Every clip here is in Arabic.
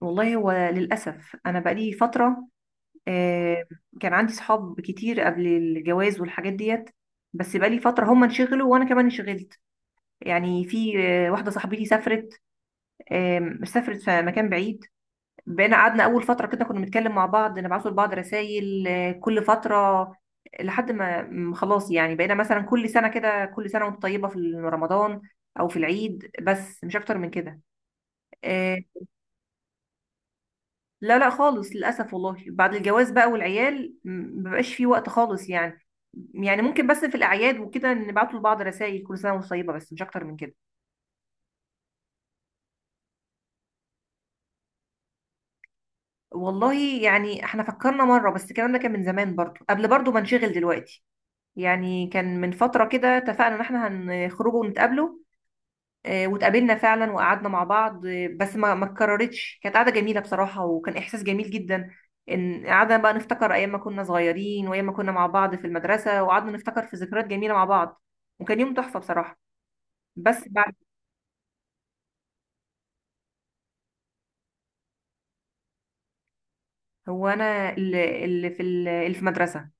والله هو للأسف أنا بقالي فترة. آه، كان عندي صحاب كتير قبل الجواز والحاجات ديت، بس بقالي فترة هم انشغلوا وأنا كمان انشغلت. يعني في واحدة صاحبتي سافرت، سافرت في مكان بعيد. بقينا قعدنا أول فترة كده كنا بنتكلم مع بعض، نبعتوا لبعض رسائل كل فترة، لحد ما خلاص، يعني بقينا مثلا كل سنة كده، كل سنة وانت طيبة في رمضان أو في العيد، بس مش أكتر من كده. آه، لا لا خالص للأسف. والله بعد الجواز بقى والعيال مبقاش فيه وقت خالص يعني. يعني ممكن بس في الأعياد وكده نبعتوا لبعض رسائل كل سنة وانتم طيبة، بس مش أكتر من كده. والله يعني احنا فكرنا مرة، بس الكلام ده كان من زمان برضو، قبل برضو ما نشغل دلوقتي. يعني كان من فترة كده اتفقنا إن احنا هنخرجوا ونتقابلوا، واتقابلنا فعلا وقعدنا مع بعض، بس ما اتكررتش. كانت قعده جميله بصراحه، وكان احساس جميل جدا ان قعدنا بقى نفتكر ايام ما كنا صغيرين وايام ما كنا مع بعض في المدرسه، وقعدنا نفتكر في ذكريات جميله مع بعض، وكان يوم تحفه بصراحه. بس بعد هو انا اللي في مدرسه،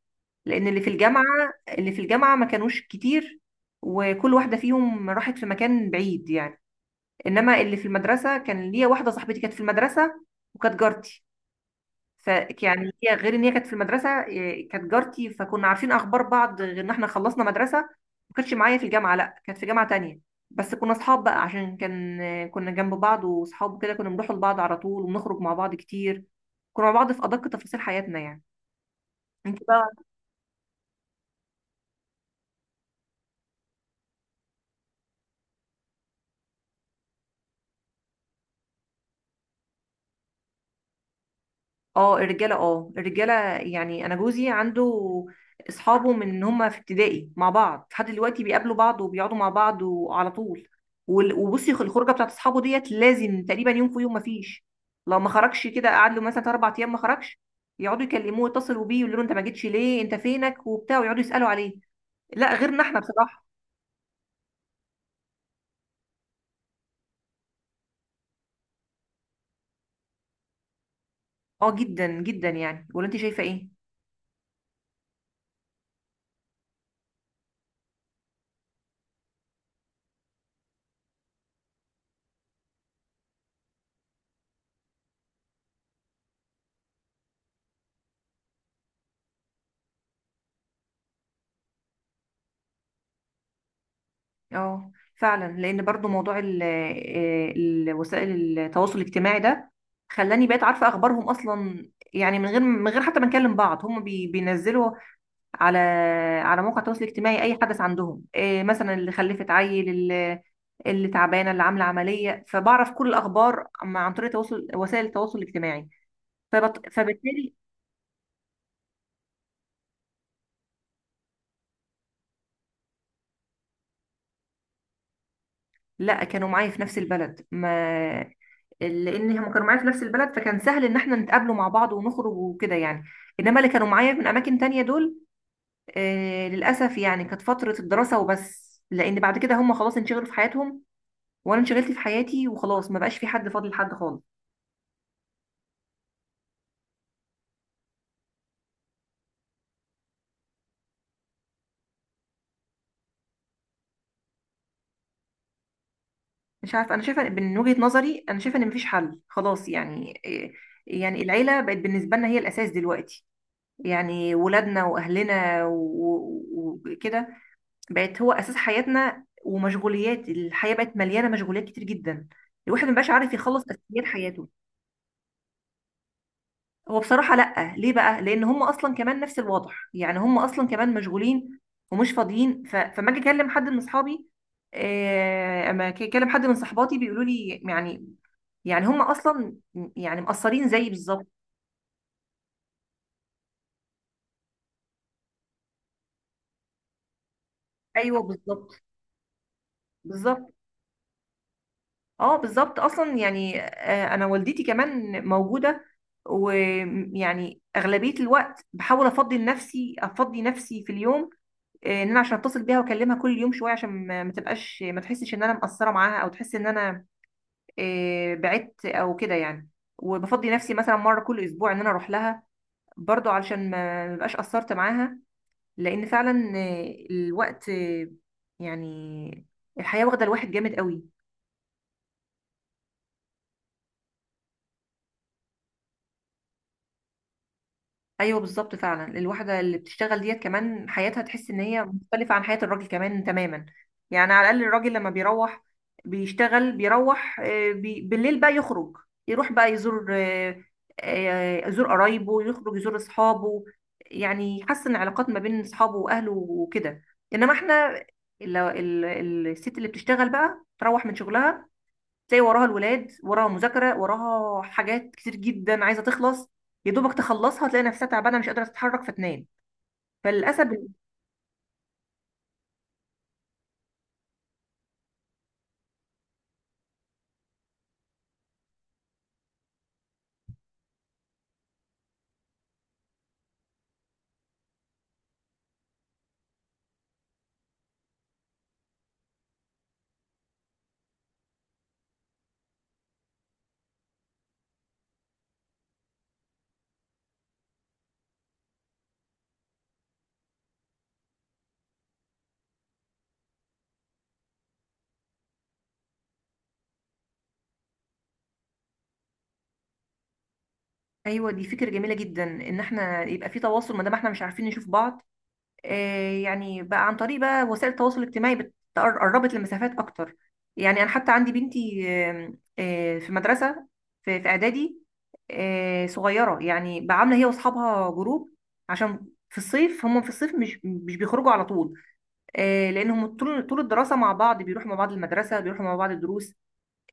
لان اللي في الجامعه ما كانوش كتير، وكل واحده فيهم راحت في مكان بعيد يعني. انما اللي في المدرسه كان ليا واحده صاحبتي كانت في المدرسه وكانت جارتي، ف يعني هي غير ان هي كانت في المدرسه، كانت جارتي، فكنا عارفين اخبار بعض غير ان احنا خلصنا مدرسه. ما كانتش معايا في الجامعه، لا كانت في جامعه تانية. بس كنا اصحاب بقى عشان كان كنا جنب بعض، واصحاب كده كنا بنروح لبعض على طول، وبنخرج مع بعض كتير، كنا مع بعض في ادق تفاصيل حياتنا يعني. انت بقى؟ اه الرجاله، يعني انا جوزي عنده اصحابه من ان هم في ابتدائي مع بعض لحد دلوقتي، بيقابلوا بعض وبيقعدوا مع بعض وعلى طول. وبصي الخروجه بتاعت اصحابه ديت لازم تقريبا يوم في يوم، ما فيش. لو ما خرجش كده قعد له مثلا 4 ايام ما خرجش، يقعدوا يكلموه، يتصلوا بيه، يقولوا له انت ما جيتش ليه، انت فينك وبتاع، ويقعدوا يسالوا عليه. لا غيرنا احنا بصراحه. اه جدا جدا، يعني ولا انت شايفه ايه؟ اه فعلا، لان برضو موضوع وسائل التواصل الاجتماعي ده خلاني بقيت عارفه اخبارهم اصلا، يعني من غير حتى ما نكلم بعض. هم بينزلوا على موقع التواصل الاجتماعي اي حدث عندهم، مثلا اللي خلفت عيل، اللي تعبانه، اللي عامله عمليه، فبعرف كل الاخبار عن طريق تواصل وسائل التواصل الاجتماعي. فبالتالي. لا كانوا معايا في نفس البلد، ما لان هم كانوا معايا في نفس البلد، فكان سهل ان احنا نتقابلوا مع بعض ونخرج وكده يعني. انما اللي كانوا معايا من اماكن تانية دول للاسف، يعني كانت فترة الدراسة وبس، لان بعد كده هم خلاص انشغلوا في حياتهم وانا انشغلت في حياتي، وخلاص ما بقاش في حد فاضل لحد خالص. مش عارفه، انا شايفه من وجهة نظري، انا شايفه ان مفيش حل خلاص يعني. يعني العيلة بقت بالنسبة لنا هي الاساس دلوقتي، يعني ولادنا واهلنا وكده بقت هو اساس حياتنا، ومشغوليات الحياه بقت مليانه مشغوليات كتير جدا، الواحد مبقاش عارف يخلص اساسيات حياته. هو بصراحه لا، ليه بقى؟ لان هم اصلا كمان نفس الوضع، يعني هم اصلا كمان مشغولين ومش فاضيين، فما اجي اكلم حد من اصحابي، اما أجي اكلم حد من صحباتي بيقولوا لي يعني، يعني هم اصلا يعني مقصرين زيي بالظبط. ايوه بالظبط، بالظبط، اه بالظبط اصلا يعني. انا والدتي كمان موجوده، ويعني اغلبيه الوقت بحاول افضي نفسي افضي نفسي في اليوم، ان انا عشان اتصل بيها واكلمها كل يوم شويه عشان ما تبقاش ما تحسش ان انا مقصره معاها، او تحس ان انا بعدت او كده يعني. وبفضي نفسي مثلا مره كل اسبوع ان انا اروح لها، برضو علشان ما بقاش قصرت معاها، لان فعلا آه، الوقت آه، يعني الحياه واخده الواحد جامد قوي. ايوه بالظبط فعلا، الواحده اللي بتشتغل ديت كمان حياتها تحس ان هي مختلفه عن حياه الراجل كمان تماما. يعني على الاقل الراجل لما بيروح بيشتغل، بيروح بالليل بقى يخرج، يروح بقى يزور يزور قرايبه، يخرج يزور اصحابه، يعني يحسن علاقات ما بين اصحابه واهله وكده. انما احنا ال... ال... الست اللي بتشتغل بقى تروح من شغلها تلاقي وراها الولاد، وراها مذاكرة، وراها حاجات كتير جدا عايزة تخلص، يا دوبك تخلصها تلاقي نفسها تعبانة مش قادرة تتحرك فتنام، فللأسف. أيوة دي فكرة جميلة جدا، إن احنا يبقى في تواصل ما دام احنا مش عارفين نشوف بعض. آه يعني بقى عن طريق بقى وسائل التواصل الاجتماعي قربت المسافات أكتر. يعني أنا حتى عندي بنتي آم، آه، في مدرسة، في إعدادي، صغيرة. يعني بقى عاملة هي وأصحابها جروب، عشان في الصيف، هم في الصيف مش بيخرجوا على طول، لانهم طول طول الدراسه مع بعض، بيروحوا مع بعض المدرسه، بيروحوا مع بعض الدروس،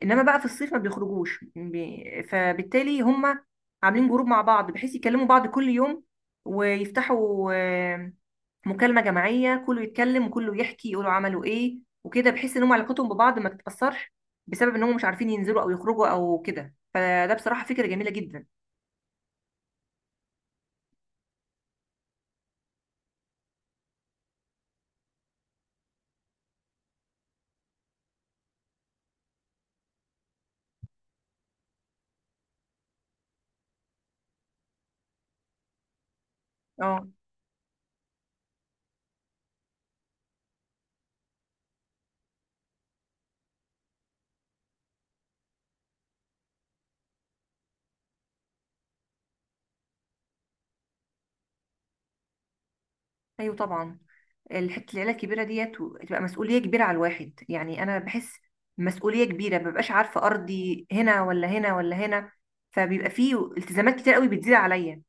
انما بقى في الصيف ما بيخرجوش، فبالتالي هم عاملين جروب مع بعض بحيث يكلموا بعض كل يوم، ويفتحوا مكالمه جماعيه، كله يتكلم وكله يحكي يقولوا عملوا ايه وكده، بحيث ان هم علاقتهم ببعض ما تتاثرش بسبب ان هم مش عارفين ينزلوا او يخرجوا او كده، فده بصراحه فكره جميله جدا. اه. ايوه طبعا. الحته العيله الكبيره ديت تبقى مسؤوليه كبيره على الواحد، يعني انا بحس مسؤوليه كبيره، مببقاش عارفه ارضي هنا ولا هنا ولا هنا، فبيبقى فيه التزامات كتير قوي بتزيد عليا،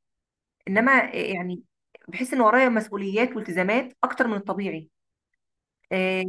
انما يعني بحس ان ورايا مسؤوليات والتزامات اكتر من الطبيعي. آه،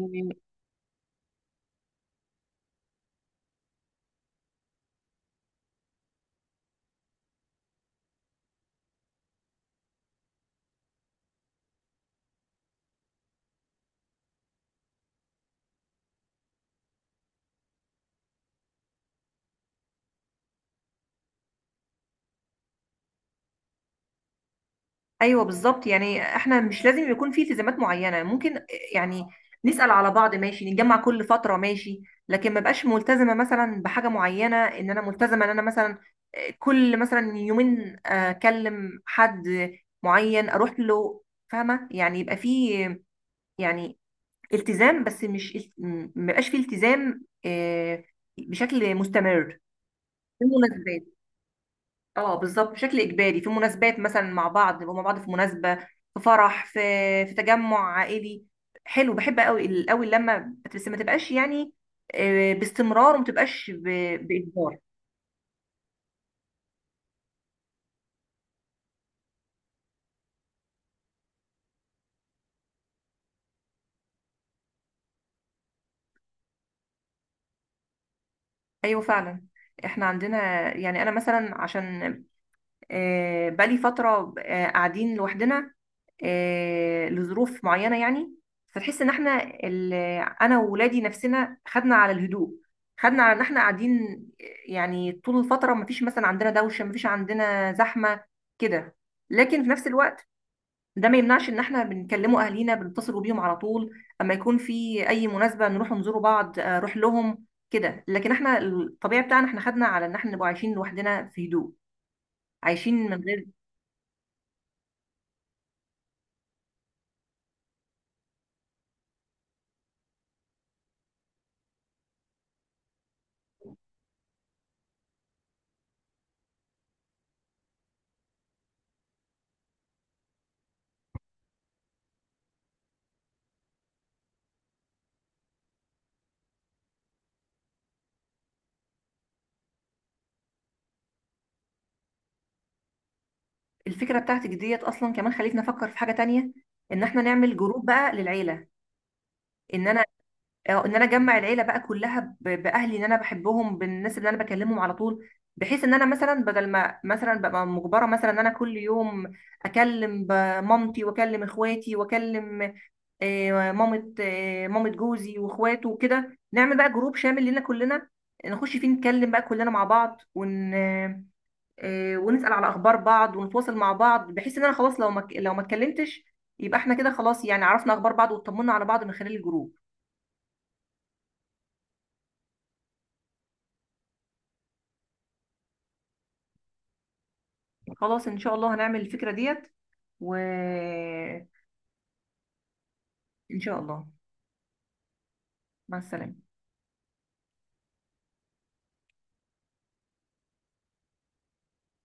ايوه بالظبط، يعني احنا مش لازم يكون في التزامات معينه، ممكن يعني نسال على بعض ماشي، نتجمع كل فتره ماشي، لكن ما بقاش ملتزمه مثلا بحاجه معينه، ان انا ملتزمه ان انا مثلا كل مثلا يومين اكلم حد معين اروح له، فاهمه يعني؟ يبقى في يعني التزام، بس مش، ما بقاش في التزام بشكل مستمر، في المناسبات. اه بالظبط، بشكل اجباري في مناسبات مثلا مع بعض، نبقى مع بعض في مناسبه، في فرح، في في تجمع عائلي، حلو بحب قوي قوي لما، بس ما تبقاش يعني باستمرار، وما تبقاش باجبار. ايوه فعلا احنا عندنا، يعني انا مثلا عشان بقالي فترة قاعدين لوحدنا لظروف معينة يعني، فتحس ان احنا انا وولادي نفسنا خدنا على الهدوء، خدنا على ان احنا قاعدين، يعني طول الفترة مفيش مثلا عندنا دوشة، مفيش عندنا زحمة كده. لكن في نفس الوقت ده ما يمنعش ان احنا بنكلموا اهالينا، بنتصلوا بيهم على طول، اما يكون في اي مناسبة نروح نزوروا بعض، نروح لهم كده. لكن احنا الطبيعي بتاعنا، احنا خدنا على ان احنا نبقى عايشين لوحدنا في هدوء، عايشين من غير. الفكره بتاعتك ديت اصلا كمان خلتني افكر في حاجه تانية، ان احنا نعمل جروب بقى للعيله، ان انا ان انا اجمع العيله بقى كلها، باهلي اللي انا بحبهم، بالناس اللي انا بكلمهم على طول، بحيث ان انا مثلا بدل ما مثلا ببقى مجبره مثلا ان انا كل يوم اكلم مامتي، واكلم اخواتي، واكلم مامه جوزي واخواته وكده، نعمل بقى جروب شامل لنا كلنا، نخش فيه نتكلم بقى كلنا مع بعض، ون آه، ونسأل على اخبار بعض ونتواصل مع بعض، بحيث ان انا خلاص لو ما ك- لو ما اتكلمتش، يبقى احنا كده خلاص، يعني عرفنا اخبار بعض، واطمنا على بعض من خلال الجروب. خلاص ان شاء الله هنعمل الفكرة ديت، وان شاء الله. مع السلامة.